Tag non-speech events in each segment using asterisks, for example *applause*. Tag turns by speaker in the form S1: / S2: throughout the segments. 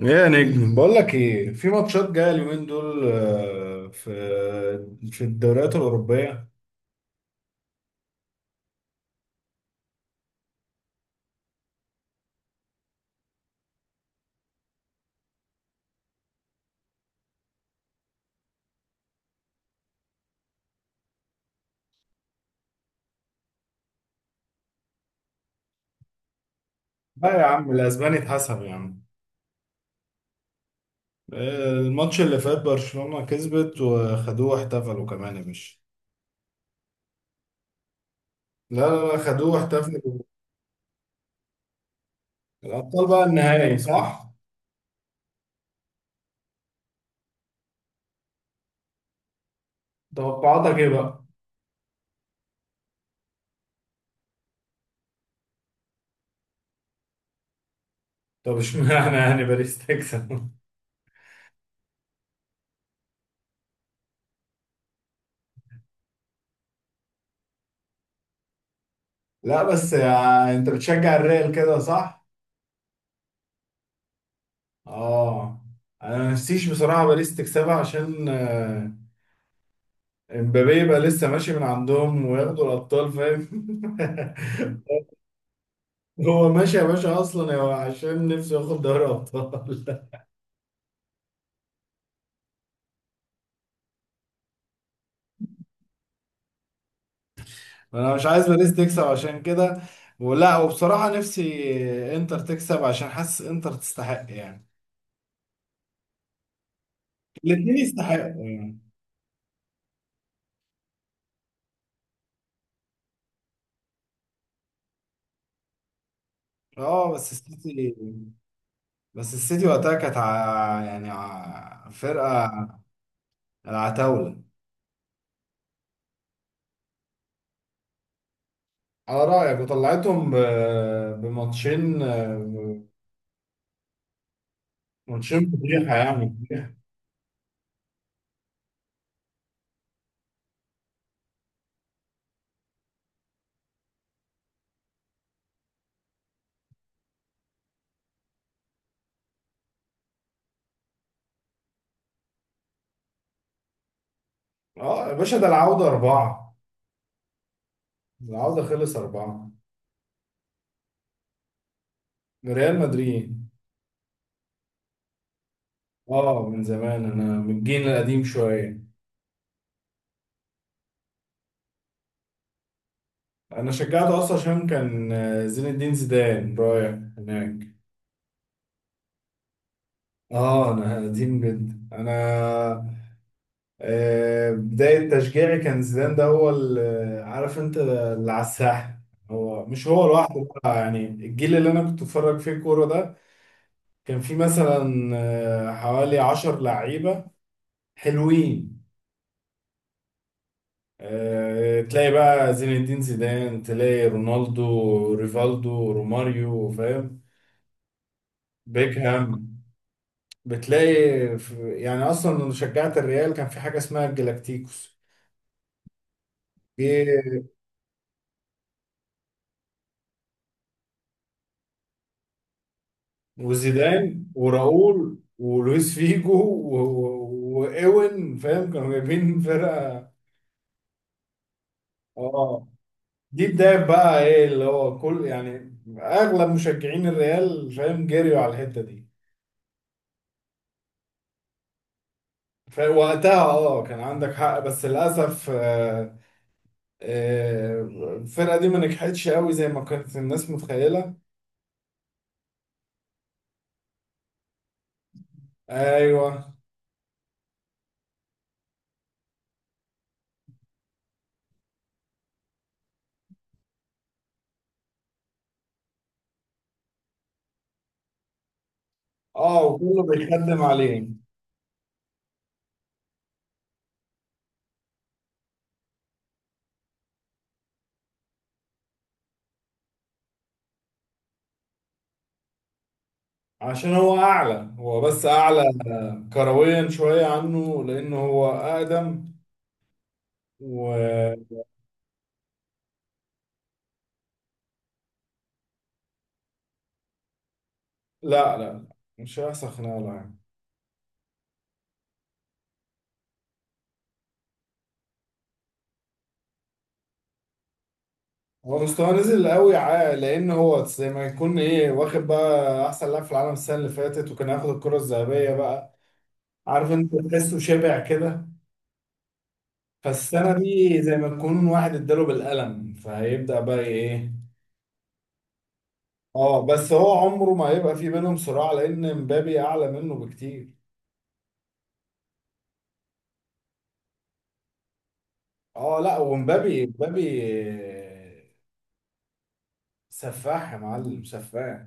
S1: يا نجم، بقول لك ايه؟ في ماتشات جايه اليومين دول. في الدوريات الاوروبيه. لا يا عم، الاسباني اتحسب يا عم. الماتش اللي فات برشلونه كسبت وخدوه واحتفلوا كمان يا باشا. لا، لا، لا، خدوه واحتفلوا. الابطال بقى النهائي، صح؟ توقعاتك ايه بقى؟ طب اشمعنى يعني باريس تكسب؟ *laughs* لا، بس يعني انت بتشجع الريال كده، صح؟ اه، انا ما نفسيش بصراحه باريس تكسبها عشان امبابي يبقى لسه ماشي من عندهم وياخدوا الابطال، فاهم؟ *laughs* هو ماشي يا باشا، اصلا هو عشان نفسه ياخد دوري ابطال. *laughs* انا مش عايز باريس تكسب عشان كده، ولا. وبصراحة نفسي انتر تكسب، عشان حاسس انتر تستحق يعني. الاتنين يستحقوا يعني. اه، بس السيتي. وقتها كانت فرقة العتاولة. على رأيك، وطلعتهم بماتشين. ماتشين فضيحة يعني. اه يا باشا، ده العودة أربعة. العودة خلص أربعة. ريال مدريد. اه، من زمان، أنا من الجيل القديم شوية. أنا شجعته أصلا عشان كان زين الدين زيدان رايح هناك. اه، أنا قديم جدا أنا. بداية تشجيعي كان زيدان، ده هو اللي عارف أنت، اللي على الساحة. هو مش هو لوحده بقى يعني. الجيل اللي أنا كنت بتفرج فيه كورة ده كان فيه مثلا حوالي 10 لعيبة حلوين. تلاقي بقى زين الدين زيدان، تلاقي رونالدو، ريفالدو، روماريو، فاهم؟ بيكهام. بتلاقي في يعني، اصلا لما شجعت الريال كان في حاجه اسمها الجلاكتيكوس. جه وزيدان وراؤول ولويس فيجو وايوين، فاهم؟ كانوا جايبين فرقه. اه، دي بدايه بقى ايه اللي هو، كل يعني اغلب مشجعين الريال، فاهم، جريوا على الحته دي. فوقتها اه كان عندك حق، بس للاسف آه، الفرقه دي ما نجحتش قوي زي ما كانت الناس متخيله. ايوه. اه، وكله بيخدم عليه. عشان هو اعلى، هو بس اعلى كرويا شويه عنه لانه هو اقدم. و لا، لا، لا، مش هيحصل خناقه يعني. هو مستواه نزل قوي، لان هو زي ما يكون ايه، واخد بقى احسن لاعب في العالم السنه اللي فاتت وكان هياخد الكره الذهبيه بقى. عارف انت، تحسه شبع كده. فالسنة دي زي ما تكون واحد اداله بالقلم، فهيبدأ بقى ايه. اه، بس هو عمره ما هيبقى في بينهم صراع، لأن مبابي أعلى منه بكتير. اه، لا، ومبابي مبابي سفاح يا معلم، سفاح.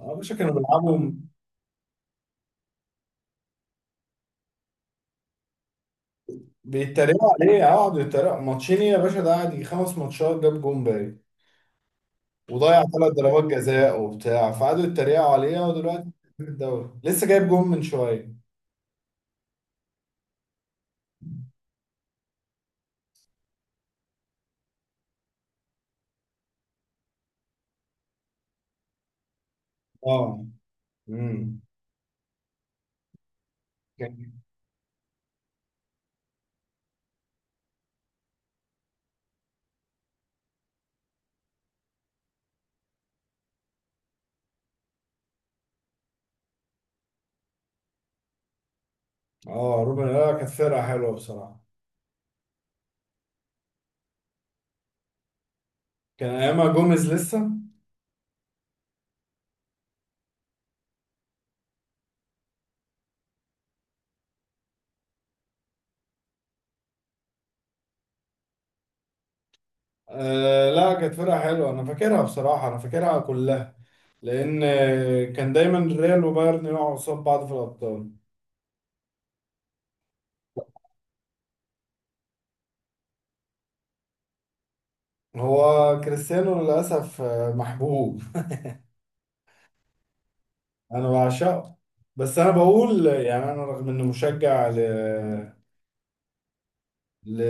S1: اه يا باشا، كانوا بيلعبوا. بيتريقوا عليه، اه، قعدوا يتريقوا ماتشين يا باشا، ده قعد يجي 5 ماتشات جاب جون باين. وضيع 3 ضربات جزاء وبتاع، فقعدوا يتريقوا عليه. ودلوقتي في الدوري لسه جايب جون من شوية. اه. امم اه، روبن، لا كانت فرقة حلوة بصراحة. كان ايامها جوميز لسه. لا، كانت فرقة حلوة، انا فاكرها بصراحة، انا فاكرها كلها. لان كان دايما ريال وبايرن يقعوا قصاد بعض في الابطال. هو كريستيانو للاسف محبوب. انا بعشقه. بس انا بقول يعني، انا رغم اني مشجع ل ل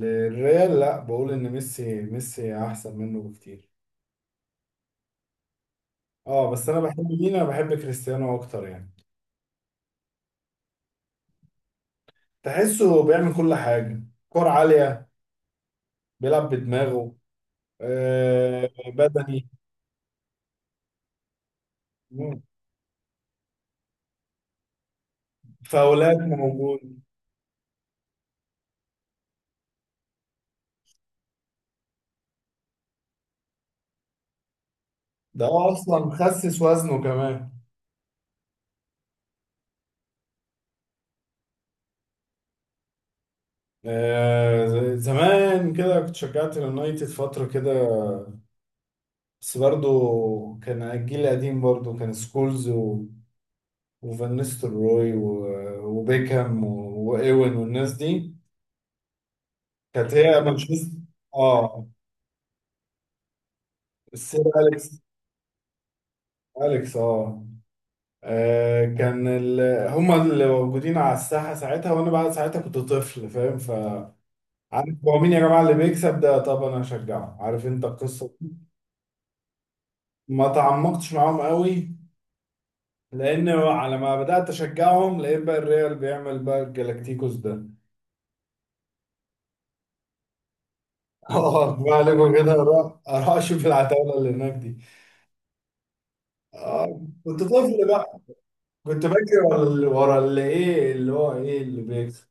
S1: للريال، لا بقول ان ميسي ميسي احسن منه بكتير. اه، بس انا بحب مين؟ انا بحب كريستيانو اكتر يعني. تحسه بيعمل كل حاجة: كور عالية، بيلعب بدماغه، بدني. مم. فاولات موجود. ده هو أصلا خسس وزنه كمان. زمان كده كنت شجعت اليونايتد فترة كده. بس برضه كان الجيل القديم، برضه كان سكولز وفان نيستلروي وبيكهام وإيوين والناس دي. كانت هي مانشستر. اه، السير أليكس. أليكس، اه. آه، كان ال... هما اللي موجودين على الساحة ساعتها، وأنا بقى ساعتها كنت طفل فاهم، فعارف هو مين يا جماعة اللي بيكسب ده، طب أنا هشجعه. عارف أنت القصة. ما تعمقتش معاهم قوي، لأن على ما بدأت أشجعهم لقيت بقى الريال بيعمل بقى الجلاكتيكوس ده. *laughs* اه، بقى عليكم كده، أروح أروح أشوف العتاولة اللي هناك دي. آه، كنت طفل بقى. كنت بجري ورا ورا اللي إيه اللي هو إيه اللي بيكسب.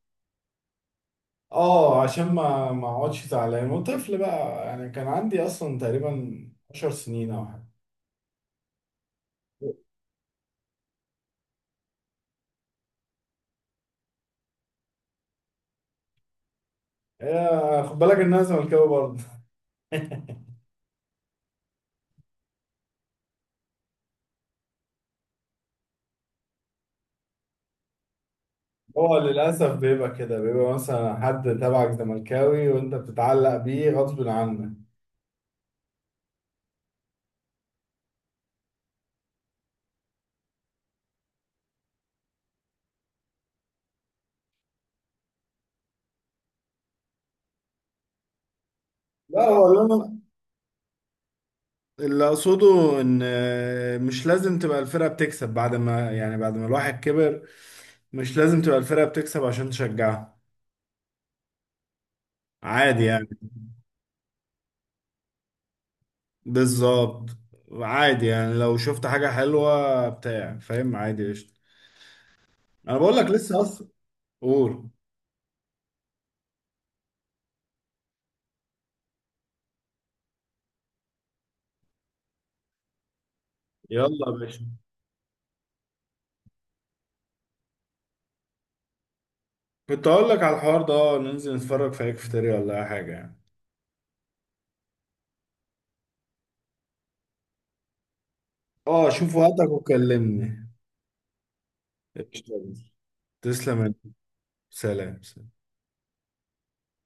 S1: اه، عشان ما اقعدش زعلان، وطفل بقى يعني. كان عندي اصلا تقريبا 10 سنين او حاجه. خد بالك ان انا زملكاوي برضه. *laughs* هو للاسف بيبقى كده، بيبقى مثلا حد تبعك زملكاوي وانت بتتعلق بيه غصب عنك. لا هو اللي انا اللي اقصده ان مش لازم تبقى الفرقه بتكسب بعد ما يعني بعد ما الواحد كبر. مش لازم تبقى الفرقه بتكسب عشان تشجعها. عادي يعني. بالظبط. عادي يعني، لو شفت حاجة حلوة بتاع، فاهم، عادي قشطة. أنا بقول لك لسه أصلا. قول. يلا يا باشا. كنت أقول لك على الحوار ده، ننزل نتفرج في هيكفتري ولا أي حاجة يعني. أه، شوف وقتك وكلمني. قشطة. تسلم سلام.